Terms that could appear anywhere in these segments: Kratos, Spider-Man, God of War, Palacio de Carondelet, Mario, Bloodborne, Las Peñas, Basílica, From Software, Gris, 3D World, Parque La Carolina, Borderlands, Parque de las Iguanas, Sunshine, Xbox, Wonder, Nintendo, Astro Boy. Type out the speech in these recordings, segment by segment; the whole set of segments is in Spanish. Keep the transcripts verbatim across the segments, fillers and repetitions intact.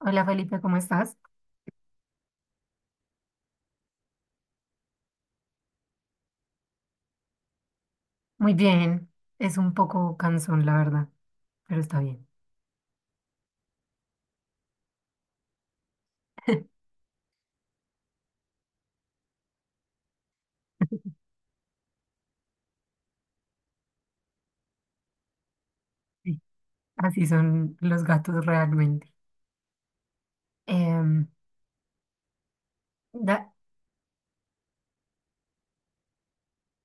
Hola Felipe, ¿cómo estás? Muy bien, es un poco cansón, la verdad, pero está bien. Sí. Así son los gatos realmente. Em, da-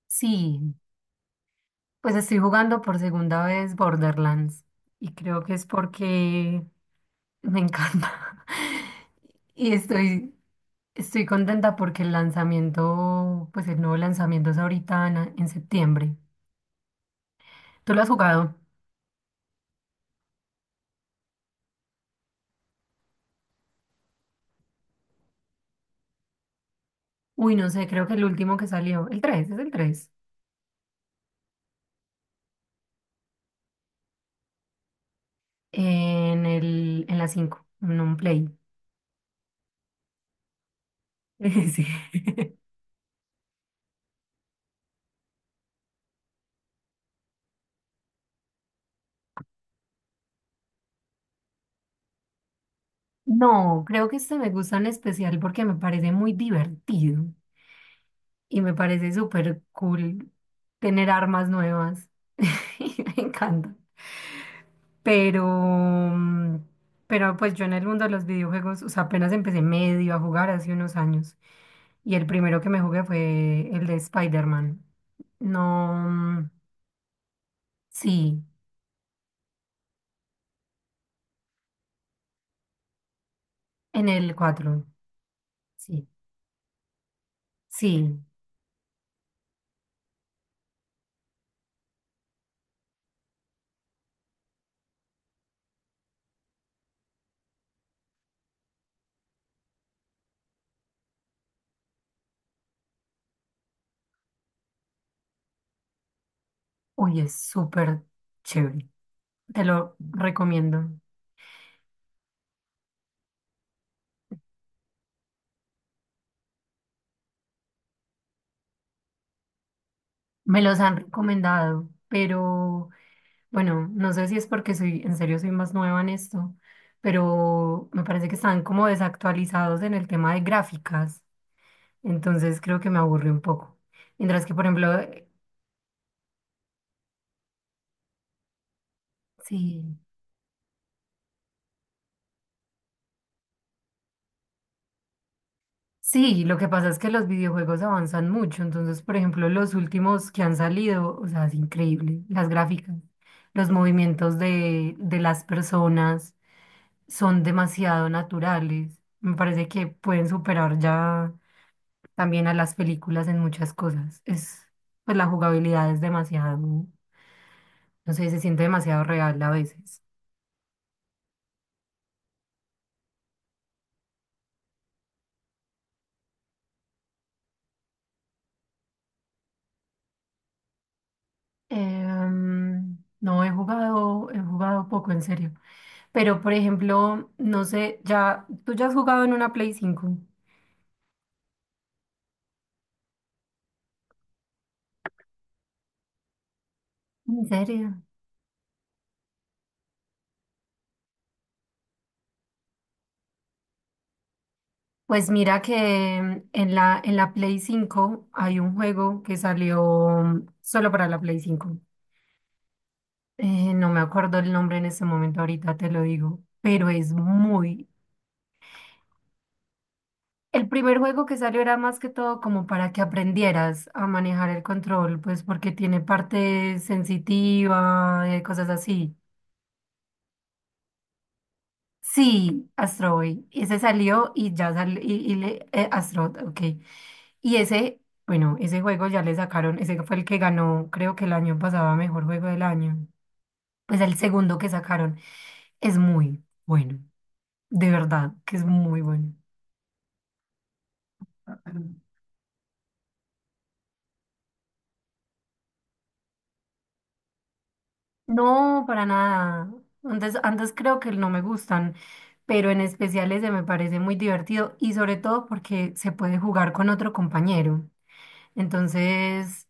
sí, pues estoy jugando por segunda vez Borderlands y creo que es porque me encanta. Y estoy, estoy contenta porque el lanzamiento, pues el nuevo lanzamiento es ahorita en, en septiembre. ¿Tú lo has jugado? Uy, no sé, creo que el último que salió, el tres. ¿Es el tres? En el, en la cinco en un play. Sí. No, creo que este me gusta en especial porque me parece muy divertido y me parece súper cool tener armas nuevas. Me encanta. Pero, mm, pero pues yo en el mundo de los videojuegos, o sea, apenas empecé medio a jugar hace unos años y el primero que me jugué fue el de Spider-Man. No, mm, sí, en el cuatro sí, sí. Uy, es súper chévere. Te lo recomiendo. Me los han recomendado, pero bueno, no sé si es porque soy, en serio soy más nueva en esto, pero me parece que están como desactualizados en el tema de gráficas. Entonces creo que me aburre un poco. Mientras que, por ejemplo, eh, sí, sí, lo que pasa es que los videojuegos avanzan mucho. Entonces, por ejemplo, los últimos que han salido, o sea, es increíble, las gráficas, los movimientos de, de las personas. Son demasiado naturales. Me parece que pueden superar ya también a las películas en muchas cosas. Es, pues la jugabilidad es demasiado, no sé, se siente demasiado real a veces. Em, no he jugado, he jugado poco en serio. Pero por ejemplo, no sé, ya, tú ya has jugado en una Play cinco. ¿En serio? Pues mira que en la, en la Play cinco hay un juego que salió solo para la Play cinco. Eh, no me acuerdo el nombre en ese momento, ahorita te lo digo, pero es muy... El primer juego que salió era más que todo como para que aprendieras a manejar el control, pues porque tiene parte sensitiva, eh, cosas así. Sí, Astro Boy, ese salió y ya salió, y, y le, eh, Astro, ok. Y ese, bueno, ese juego ya le sacaron, ese fue el que ganó, creo que el año pasado, a mejor juego del año. Pues el segundo que sacaron es muy bueno, de verdad, que es muy bueno. No, para nada. Antes, antes creo que no me gustan, pero en especial ese me parece muy divertido y sobre todo porque se puede jugar con otro compañero. Entonces,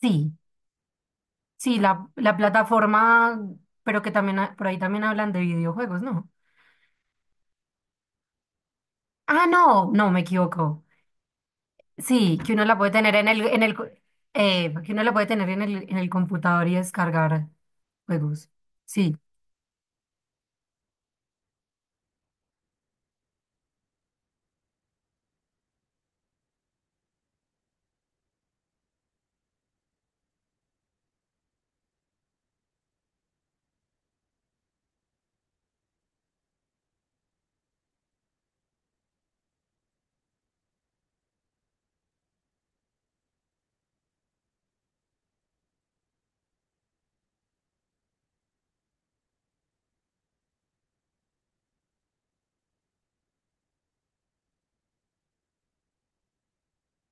sí, sí, la, la plataforma, pero que también ha- por ahí también hablan de videojuegos, ¿no? Ah, no, no, me equivoco. Sí, que uno la puede tener en el, en el, co- eh, que uno la puede tener en el, en el computador y descargar juegos. Sí.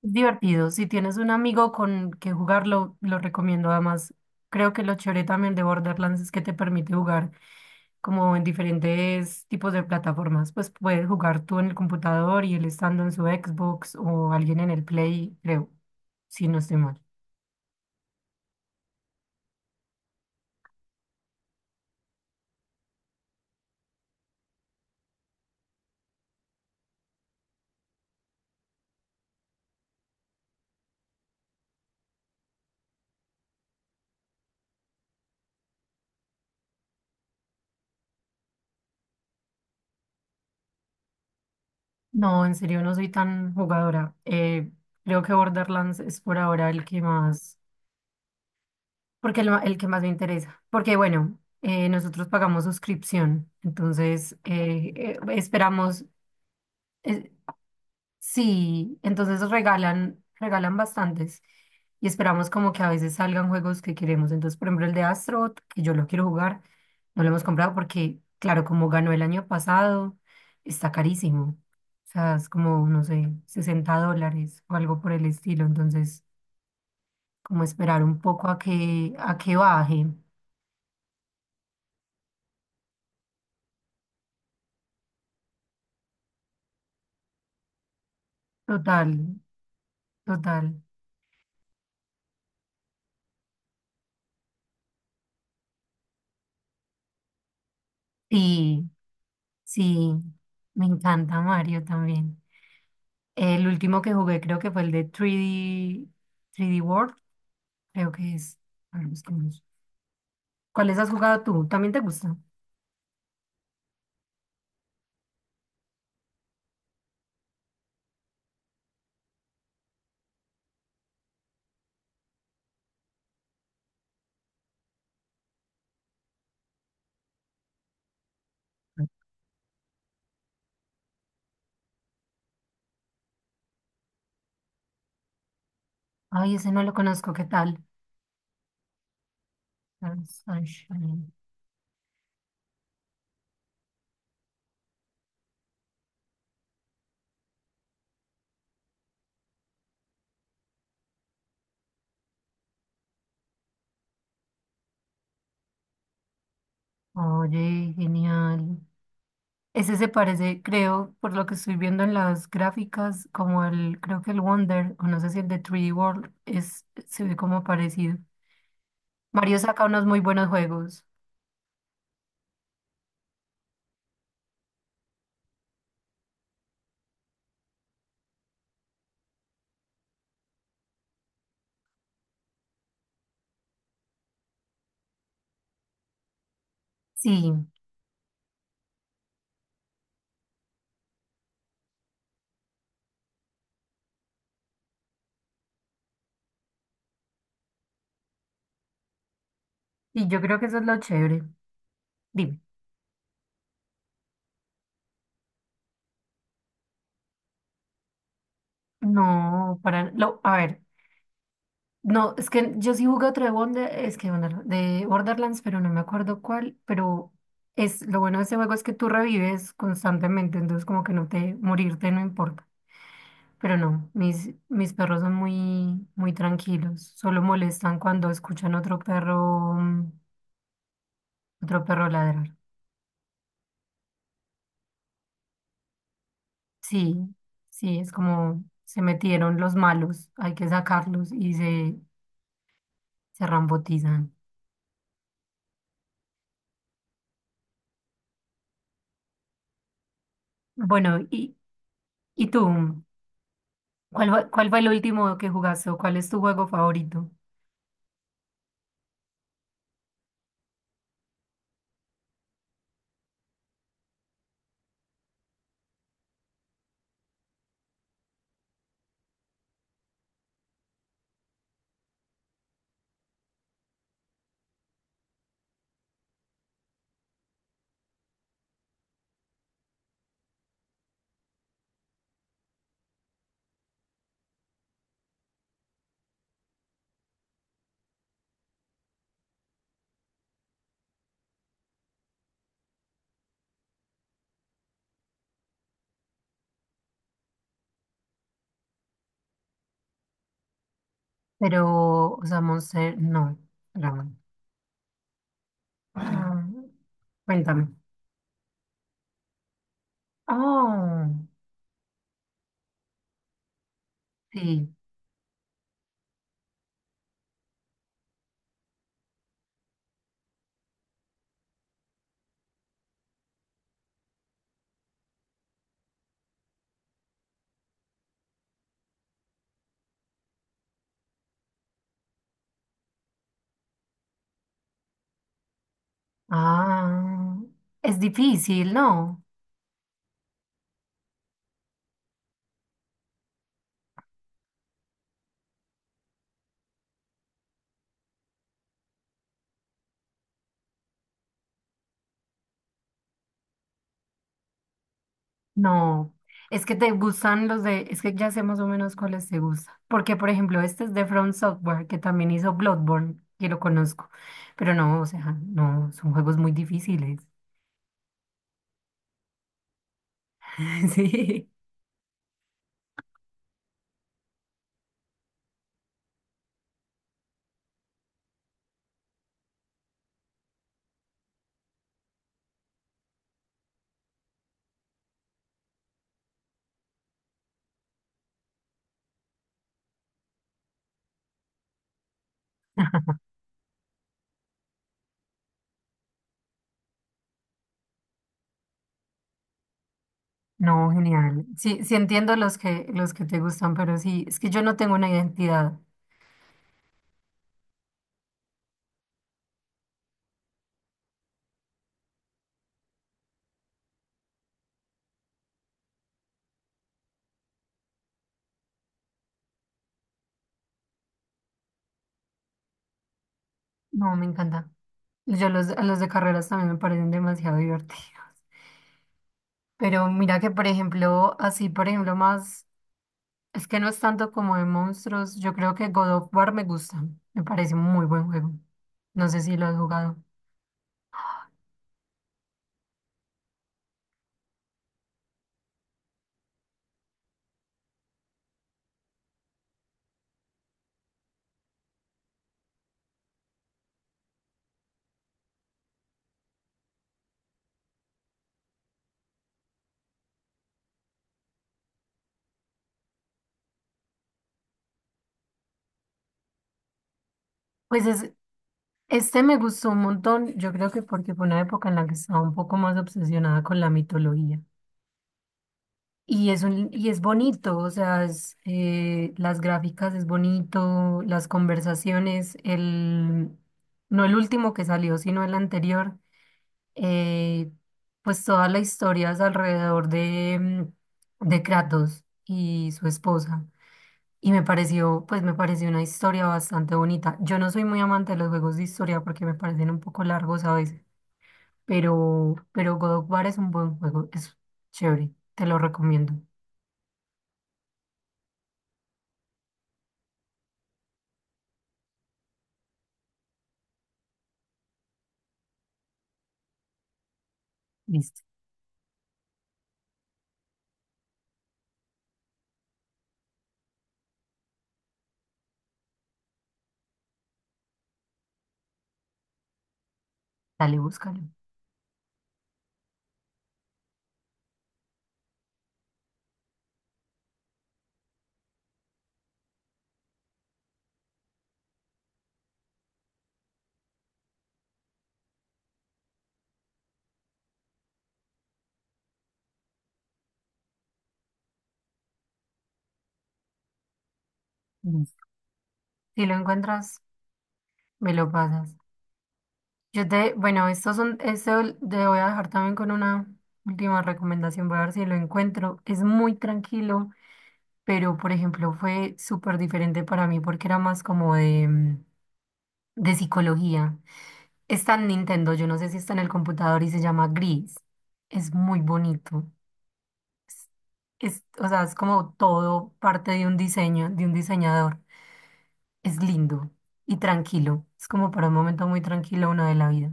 Es divertido. Si tienes un amigo con que jugarlo, lo recomiendo. Además, creo que lo chévere también de Borderlands es que te permite jugar como en diferentes tipos de plataformas. Pues puedes jugar tú en el computador y él estando en su Xbox o alguien en el Play, creo, si no estoy mal. No, en serio, no soy tan jugadora. Eh, creo que Borderlands es por ahora el que más, porque el, ma- el que más me interesa. Porque bueno, eh, nosotros pagamos suscripción, entonces eh, eh, esperamos. Eh, sí, entonces regalan, regalan bastantes y esperamos como que a veces salgan juegos que queremos. Entonces, por ejemplo, el de Astrobot, que yo lo quiero jugar, no lo hemos comprado porque, claro, como ganó el año pasado, está carísimo. O sea, es como, no sé, sesenta dólares o algo por el estilo. Entonces, como esperar un poco a que, a que baje. Total, total. Sí, sí, me encanta Mario también. El último que jugué creo que fue el de tres D, tres D World, creo que es. A ver, busquemos. ¿Cuáles has jugado tú? ¿También te gusta? Ay, ese no lo conozco, ¿qué tal? Sunshine. Oye, genial. Ese se parece, creo, por lo que estoy viendo en las gráficas, como el, creo que el Wonder, o no sé si el de tres D World, es, se ve como parecido. Mario saca unos muy buenos juegos. Sí, y yo creo que eso es lo chévere. Dime. No, para, lo, a ver. No, es que yo sí jugué otro de Wonder, es que Wonder- de Borderlands, pero no me acuerdo cuál, pero es lo bueno de ese juego es que tú revives constantemente, entonces como que no te morirte no importa. Pero no, mis mis perros son muy muy tranquilos, solo molestan cuando escuchan otro perro mm, otro perro ladrar. Sí, sí, es como se metieron los malos, hay que sacarlos y se se rambotizan. Bueno, y y tú, ¿Cuál fue, cuál fue el último que jugaste o cuál es tu juego favorito? Pero, o sea, Monster, no, Ramón. Ah, cuéntame. Oh, sí. Ah, es difícil, ¿no? No. Es que te gustan los de, es que ya sé más o menos cuáles te gustan. Porque, por ejemplo, este es de From Software, que también hizo Bloodborne, que lo conozco. Pero no, o sea, no, son juegos muy difíciles. Sí. No, genial. Sí, sí entiendo los que, los que te gustan, pero sí, es que yo no tengo una identidad. No, me encanta. Yo los, a los de carreras también me parecen demasiado divertidos. Pero mira que, por ejemplo, así, por ejemplo, más, es que no es tanto como de monstruos. Yo creo que God of War me gusta. Me parece un muy buen juego. No sé si lo has jugado. Pues es, este me gustó un montón. Yo creo que porque fue una época en la que estaba un poco más obsesionada con la mitología. Y es un, y es bonito, o sea, es, eh, las gráficas es bonito, las conversaciones, el, no el último que salió, sino el anterior, eh, pues toda la historia es alrededor de, mm, de Kratos y su esposa. Y me pareció, pues me pareció una historia bastante bonita. Yo no soy muy amante de los juegos de historia porque me parecen un poco largos a veces, pero, pero God of War es un buen juego, es chévere, te lo recomiendo. Listo. Dale, búscalo. Listo. Si lo encuentras, me lo pasas. Yo te, bueno, estos son, este ol- te voy a dejar también con una última recomendación. Voy a ver si lo encuentro. Es muy tranquilo, pero por ejemplo, fue súper diferente para mí porque era más como de, mm, de psicología. Está en Nintendo, yo no sé si está en el computador y se llama Gris. Es muy bonito. Es, o sea, es como todo parte de un diseño, de un diseñador. Es lindo y tranquilo. Es como para un momento muy tranquilo uno de la vida.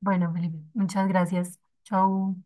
Bueno, Felipe, muchas gracias. Chau.